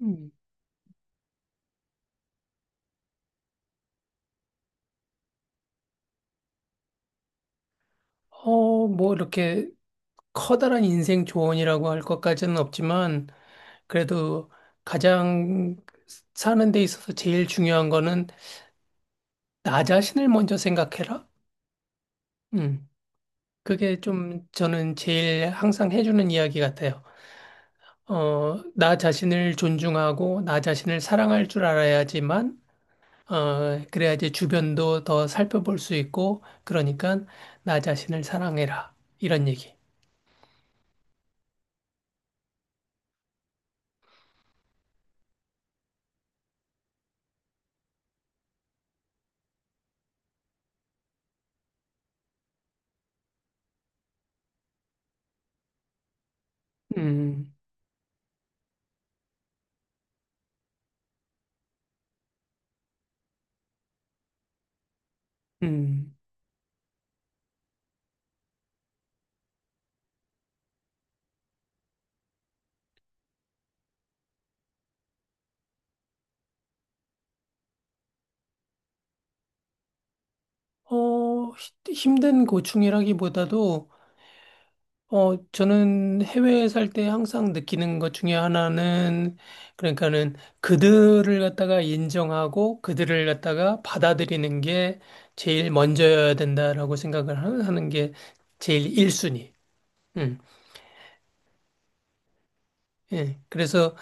음, 뭐 이렇게 커다란 인생 조언이라고 할 것까지는 없지만 그래도 가장 사는 데 있어서 제일 중요한 거는 나 자신을 먼저 생각해라. 음, 그게 좀 저는 제일 항상 해주는 이야기 같아요. 나 자신을 존중하고 나 자신을 사랑할 줄 알아야지만 그래야지 주변도 더 살펴볼 수 있고 그러니까 나 자신을 사랑해라. 이런 얘기. 음, 음. 어, 힘든 고충이라기보다도, 저는 해외에 살 때 항상 느끼는 것 중에 하나는, 그러니까는 그들을 갖다가 인정하고 그들을 갖다가 받아들이는 게 제일 먼저여야 된다라고 생각을 하는 게 제일 1순위. 음, 예. 그래서,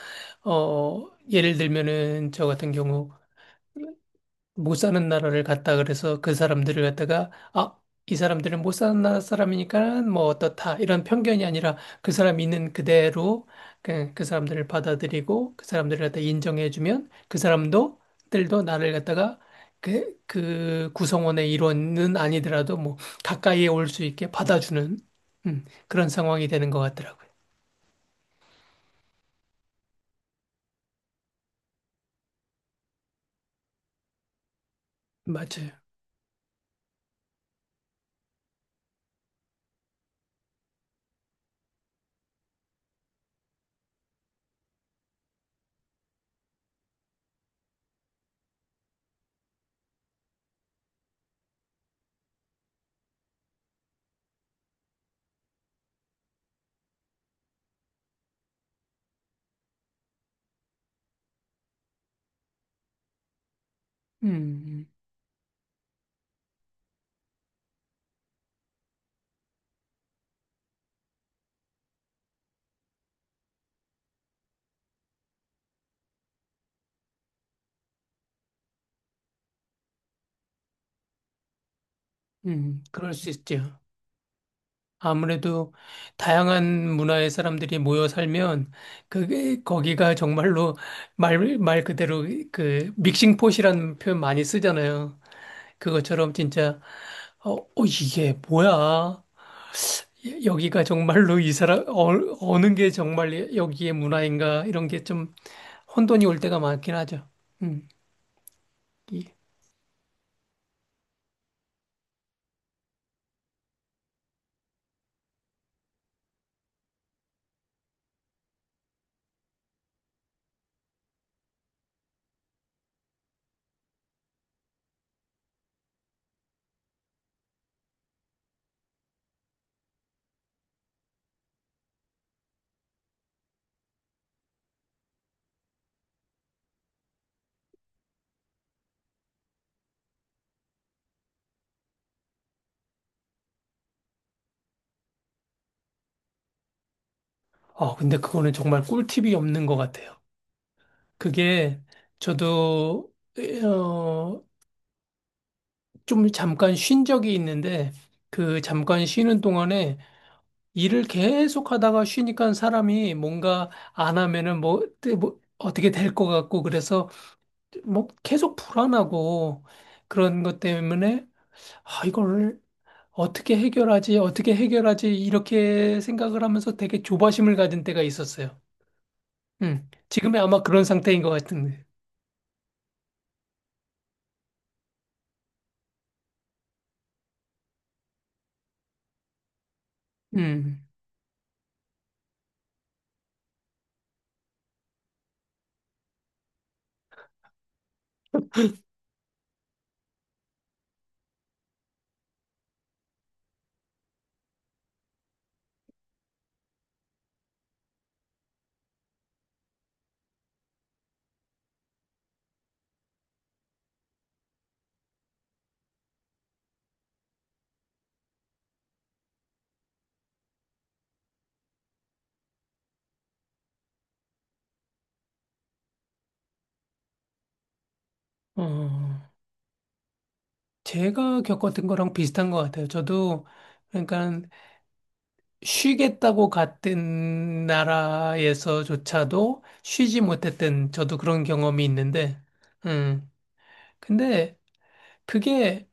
예를 들면은 저 같은 경우, 못 사는 나라를 갔다 그래서 그 사람들을 갖다가 아, 이 사람들은 못 사는 나라 사람이니까 뭐 어떻다 이런 편견이 아니라 그 사람이 있는 그대로 그 사람들을 받아들이고 그 사람들을 갖다 인정해주면 그 사람도 들도 나를 갖다가 그 구성원의 일원은 아니더라도 뭐 가까이에 올 수 있게 받아주는 그런 상황이 되는 것 같더라고요. 맞아요. 음, 그럴 수 있죠. 아무래도 다양한 문화의 사람들이 모여 살면 그게 거기가 정말로 말 그대로 그 믹싱폿이라는 표현 많이 쓰잖아요. 그것처럼 진짜 이게 뭐야? 여기가 정말로 이 사람 어느 게 정말 여기의 문화인가 이런 게 좀 혼돈이 올 때가 많긴 하죠. 음. 이- 근데 그거는 정말 꿀팁이 없는 것 같아요. 그게 저도 어, 좀 잠깐 쉰 적이 있는데 그 잠깐 쉬는 동안에 일을 계속 하다가 쉬니까 사람이 뭔가 안 하면은 뭐, 뭐 어떻게 될 것 같고 그래서 뭐 계속 불안하고 그런 것 때문에 아, 이걸 어떻게 해결하지? 어떻게 해결하지? 이렇게 생각을 하면서 되게 조바심을 가진 때가 있었어요. 지금이 아마 그런 상태인 것 같은데. 음. 어, 제가 겪었던 거랑 비슷한 것 같아요. 저도 그러니까 쉬겠다고 갔던 나라에서조차도 쉬지 못했던 저도 그런 경험이 있는데, 음, 근데 그게,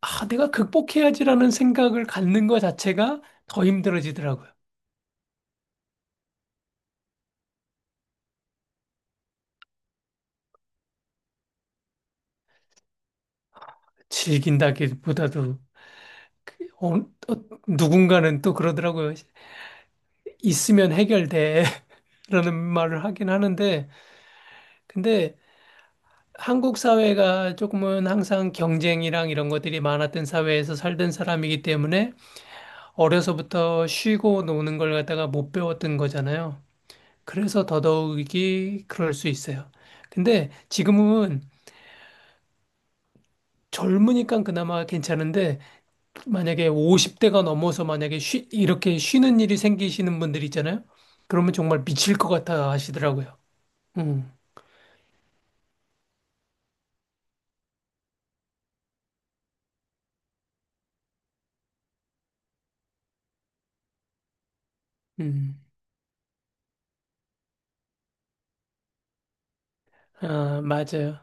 아, 내가 극복해야지라는 생각을 갖는 것 자체가 더 힘들어지더라고요. 즐긴다기보다도, 그, 어, 어, 누군가는 또 그러더라고요. 있으면 해결돼. 라는 말을 하긴 하는데, 근데 한국 사회가 조금은 항상 경쟁이랑 이런 것들이 많았던 사회에서 살던 사람이기 때문에 어려서부터 쉬고 노는 걸 갖다가 못 배웠던 거잖아요. 그래서 더더욱이 그럴 수 있어요. 근데 지금은 젊으니까 그나마 괜찮은데 만약에 50대가 넘어서 만약에 이렇게 쉬는 일이 생기시는 분들 있잖아요. 그러면 정말 미칠 것 같아 하시더라고요. 음, 음. 아, 맞아요.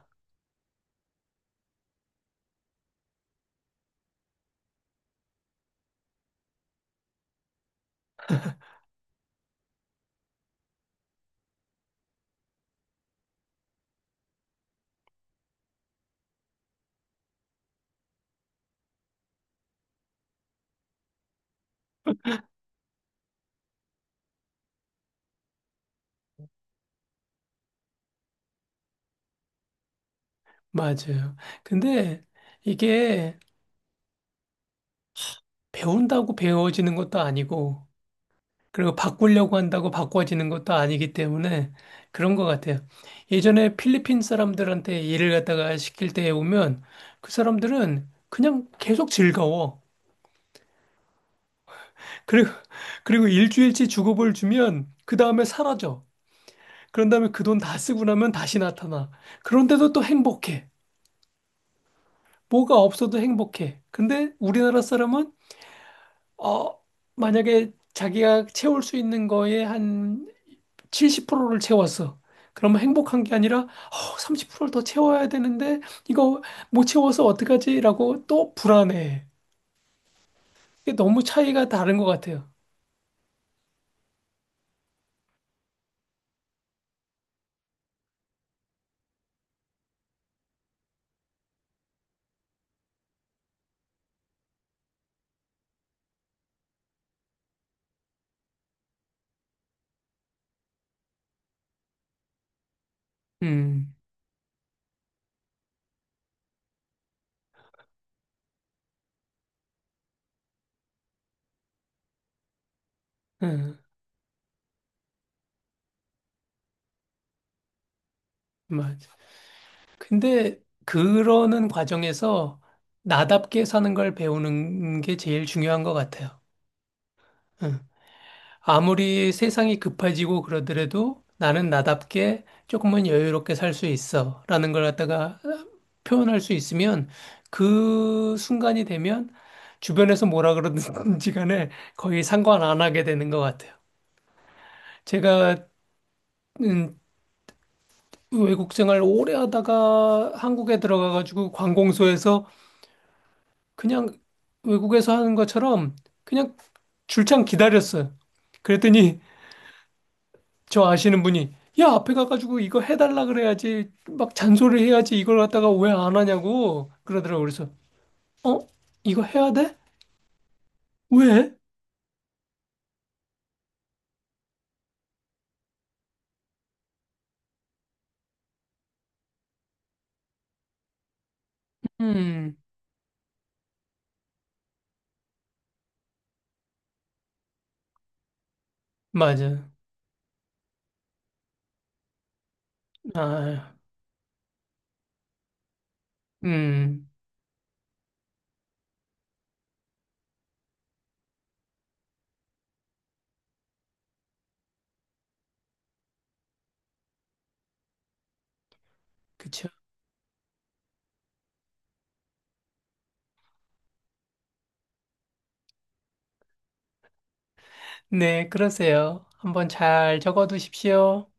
맞아요. 근데 이게 배운다고 배워지는 것도 아니고 그리고 바꾸려고 한다고 바꿔지는 것도 아니기 때문에 그런 것 같아요. 예전에 필리핀 사람들한테 일을 갖다가 시킬 때에 오면 그 사람들은 그냥 계속 즐거워. 그리고, 그리고 일주일치 주급을 주면 그 다음에 사라져. 그런 다음에 그 돈 다 쓰고 나면 다시 나타나. 그런데도 또 행복해. 뭐가 없어도 행복해. 근데 우리나라 사람은, 어, 만약에 자기가 채울 수 있는 거에 한 70%를 채웠어. 그러면 행복한 게 아니라 30%를 더 채워야 되는데 이거 못 채워서 어떡하지라고 또 불안해. 이게 너무 차이가 다른 것 같아요. 음, 응, 맞아. 근데 그러는 과정에서 나답게 사는 걸 배우는 게 제일 중요한 것 같아요. 음. 아무리 세상이 급해지고 그러더라도 나는 나답게 조금은 여유롭게 살 수 있어. 라는 걸 갖다가 표현할 수 있으면 그 순간이 되면 주변에서 뭐라 그러든지 간에 거의 상관 안 하게 되는 것 같아요. 제가, 음, 외국 생활 오래 하다가 한국에 들어가가지고 관공서에서 그냥 외국에서 하는 것처럼 그냥 줄창 기다렸어요. 그랬더니 저 아시는 분이 야 앞에 가가지고 이거 해달라 그래야지 막 잔소리 해야지 이걸 갖다가 왜 안 하냐고 그러더라고 그래서 어 이거 해야 돼? 왜? 음, 맞아. 아음. 그쵸. 네, 그러세요. 한번 잘 적어두십시오.